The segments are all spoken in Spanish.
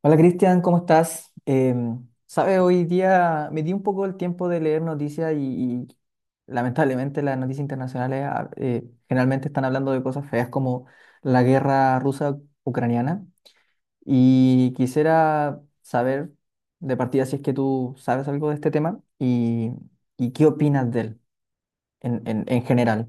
Hola Cristian, ¿cómo estás? Sabe, hoy día me di un poco el tiempo de leer noticias y lamentablemente las noticias internacionales generalmente están hablando de cosas feas como la guerra rusa-ucraniana y quisiera saber de partida si es que tú sabes algo de este tema y qué opinas de él en general.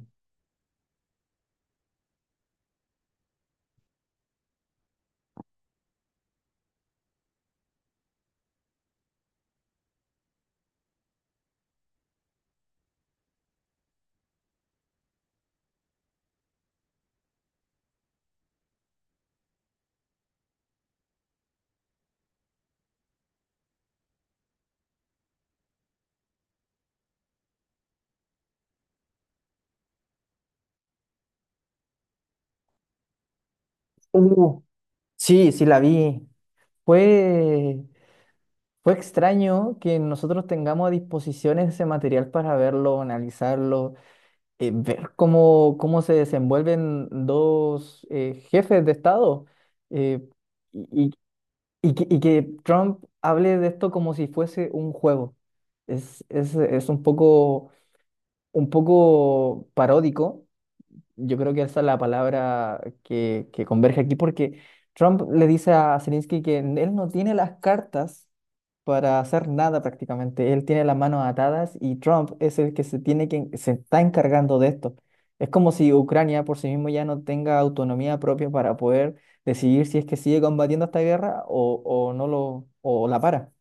Uh, sí, sí la vi. Fue Fue extraño que nosotros tengamos a disposición ese material para verlo, analizarlo, ver cómo se desenvuelven dos jefes de Estado eh, y, y que Trump hable de esto como si fuese un juego. Es un un poco paródico, yo creo que esa es la palabra que converge aquí, porque Trump le dice a Zelensky que él no tiene las cartas para hacer nada prácticamente. Él tiene las manos atadas y Trump es el que se está encargando de esto. Es como si Ucrania por sí mismo ya no tenga autonomía propia para poder decidir si es que sigue combatiendo esta guerra o no lo, o la para.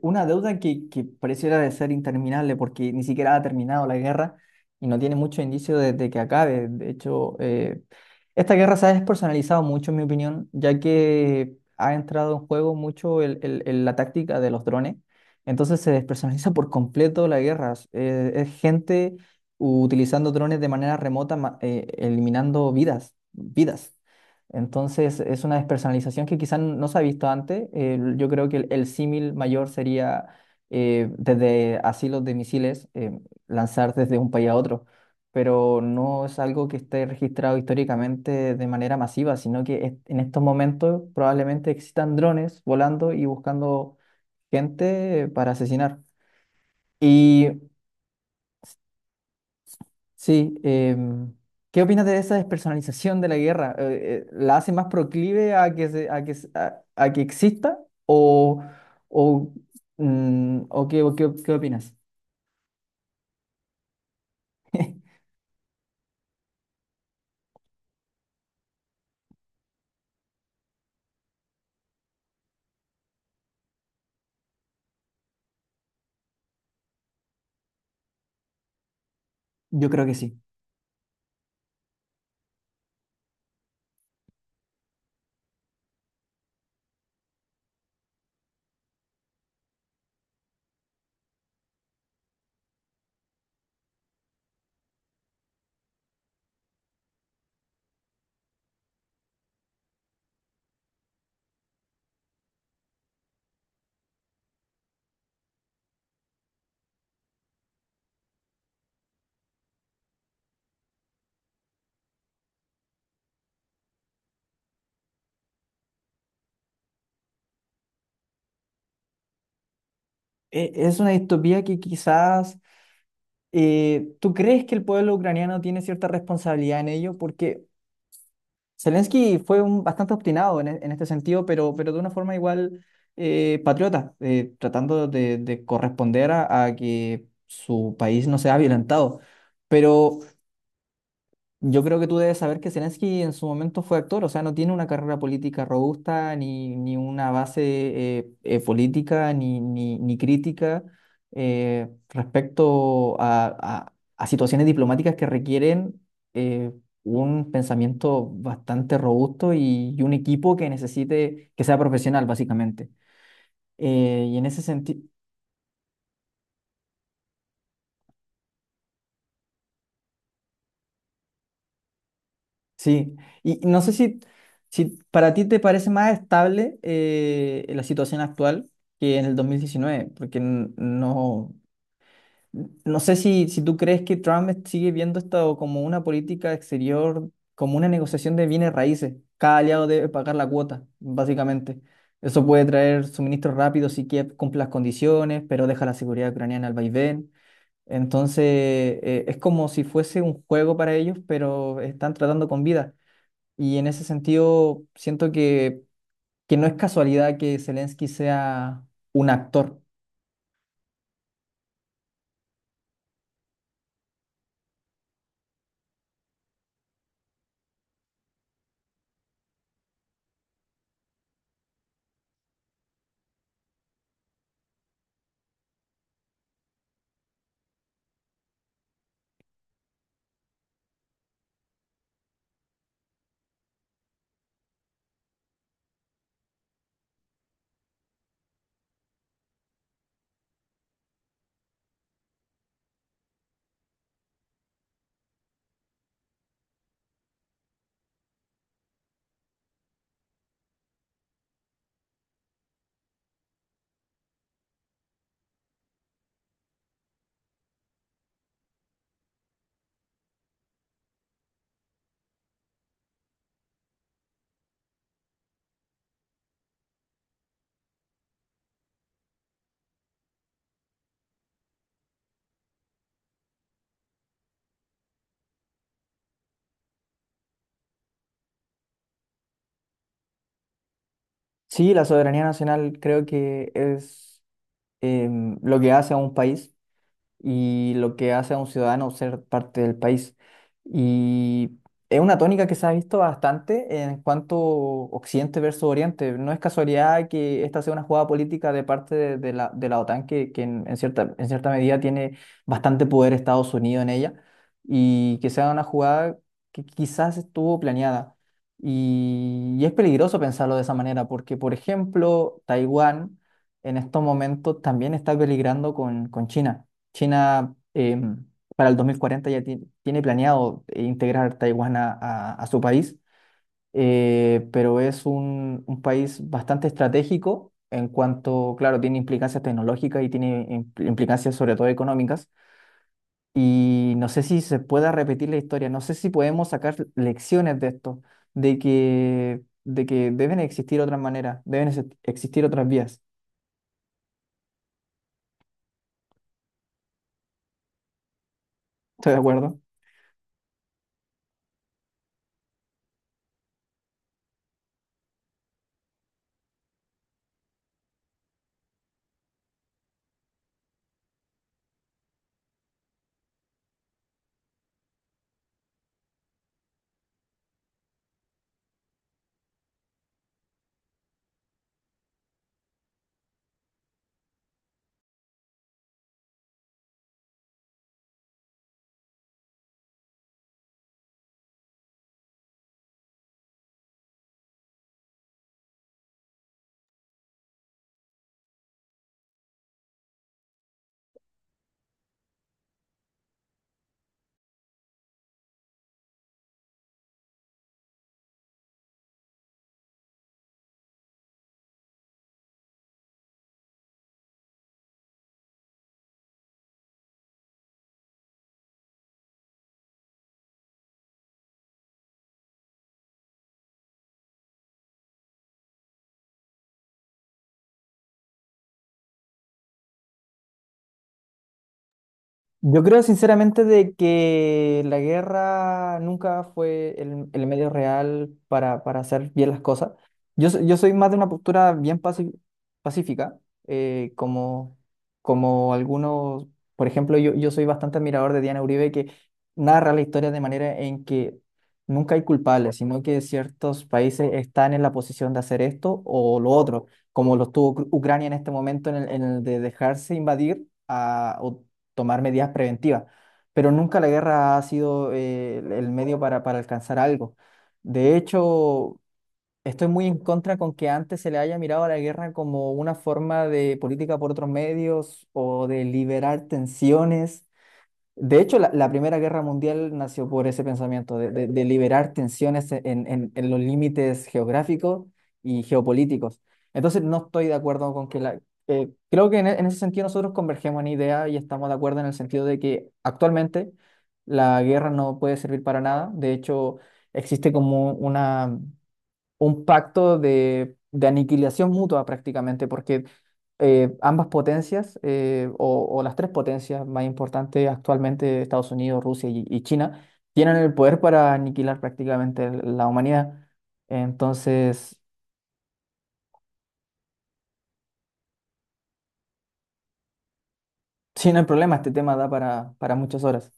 Una deuda que pareciera de ser interminable porque ni siquiera ha terminado la guerra y no tiene mucho indicio de que acabe. De hecho, esta guerra se ha despersonalizado mucho, en mi opinión, ya que ha entrado en juego mucho la táctica de los drones. Entonces se despersonaliza por completo la guerra. Es gente utilizando drones de manera remota, eliminando vidas. Entonces es una despersonalización que quizás no se ha visto antes. Yo creo que el símil mayor sería desde asilos de misiles lanzar desde un país a otro, pero no es algo que esté registrado históricamente de manera masiva, sino que en estos momentos probablemente existan drones volando y buscando gente para asesinar. Y Sí, ¿qué opinas de esa despersonalización de la guerra? ¿La hace más proclive a a que exista? ¿O, o, mm, o qué, ¿Qué opinas? Yo creo que sí. E- Es una distopía que quizás, tú crees que el pueblo ucraniano tiene cierta responsabilidad en ello, porque Zelensky fue un, bastante obstinado en este sentido, pero de una forma igual patriota, tratando de corresponder a que su país no sea violentado. Pero yo creo que tú debes saber que Zelensky en su momento fue actor, o sea, no tiene una carrera política robusta, ni una base política, ni crítica respecto a- a situaciones diplomáticas que requieren eh, un pensamiento bastante robusto y un equipo que necesite que sea profesional, básicamente. Eh, y en ese sentido, Sí, y no sé si para ti te parece más estable la situación actual que en el 2019 porque no, no sé si tú crees que Trump sigue viendo esto como una política exterior, como una negociación de bienes raíces. Cada aliado debe pagar la cuota, básicamente. Eso puede traer suministros rápidos si Kiev cumple las condiciones, pero deja la seguridad ucraniana al vaivén. Entonces, es como si fuese un juego para ellos, pero están tratando con vida. Y en ese sentido, siento que no es casualidad que Zelensky sea un actor. Sí, la soberanía nacional creo que es lo que hace a un país, y lo que hace a un ciudadano ser parte del país. Y es una tónica que se ha visto bastante en cuanto Occidente versus Oriente. No es casualidad que esta sea una jugada política de de la OTAN, que en cierta medida tiene bastante poder Estados Unidos en ella, y que sea una jugada que quizás estuvo planeada. Y es peligroso pensarlo de esa manera, porque, por ejemplo, Taiwán en estos momentos también está peligrando con China. China para el 2040 ya tiene planeado integrar Taiwán a su país, pero es un país bastante estratégico en cuanto, claro, tiene implicancias tecnológicas y tiene implicancias sobre todo económicas. Y no sé si se pueda repetir la historia, no sé si podemos sacar lecciones de esto, de que deben existir otras maneras, deben existir otras vías. ¿Estoy de acuerdo? Yo creo sinceramente de que la guerra nunca fue el medio real para hacer bien las cosas. Yo, yo soy más de una postura bien pacífica, como, como algunos, por ejemplo, yo soy bastante admirador de Diana Uribe, que narra la historia de manera en que nunca hay culpables, sino que ciertos países están en la posición de hacer esto o lo otro, como lo estuvo Ucrania en este momento en en el de dejarse invadir, tomar medidas preventivas, pero nunca la guerra ha sido el medio para alcanzar algo. De hecho, estoy muy en contra con que antes se le haya mirado a la guerra como una forma de política por otros medios o de liberar tensiones. De hecho, la Primera Guerra Mundial nació por ese pensamiento de liberar tensiones en los límites geográficos y geopolíticos. Entonces, no estoy de acuerdo con que la... creo que en ese sentido nosotros convergemos en idea y estamos de acuerdo en el sentido de que actualmente la guerra no puede servir para nada. De hecho, existe como una un pacto de aniquilación mutua prácticamente, porque ambas potencias, o las tres potencias más importantes actualmente, Estados Unidos, Rusia y China, tienen el poder para aniquilar prácticamente la humanidad. Entonces, sí, no hay problema, este tema da para muchas horas.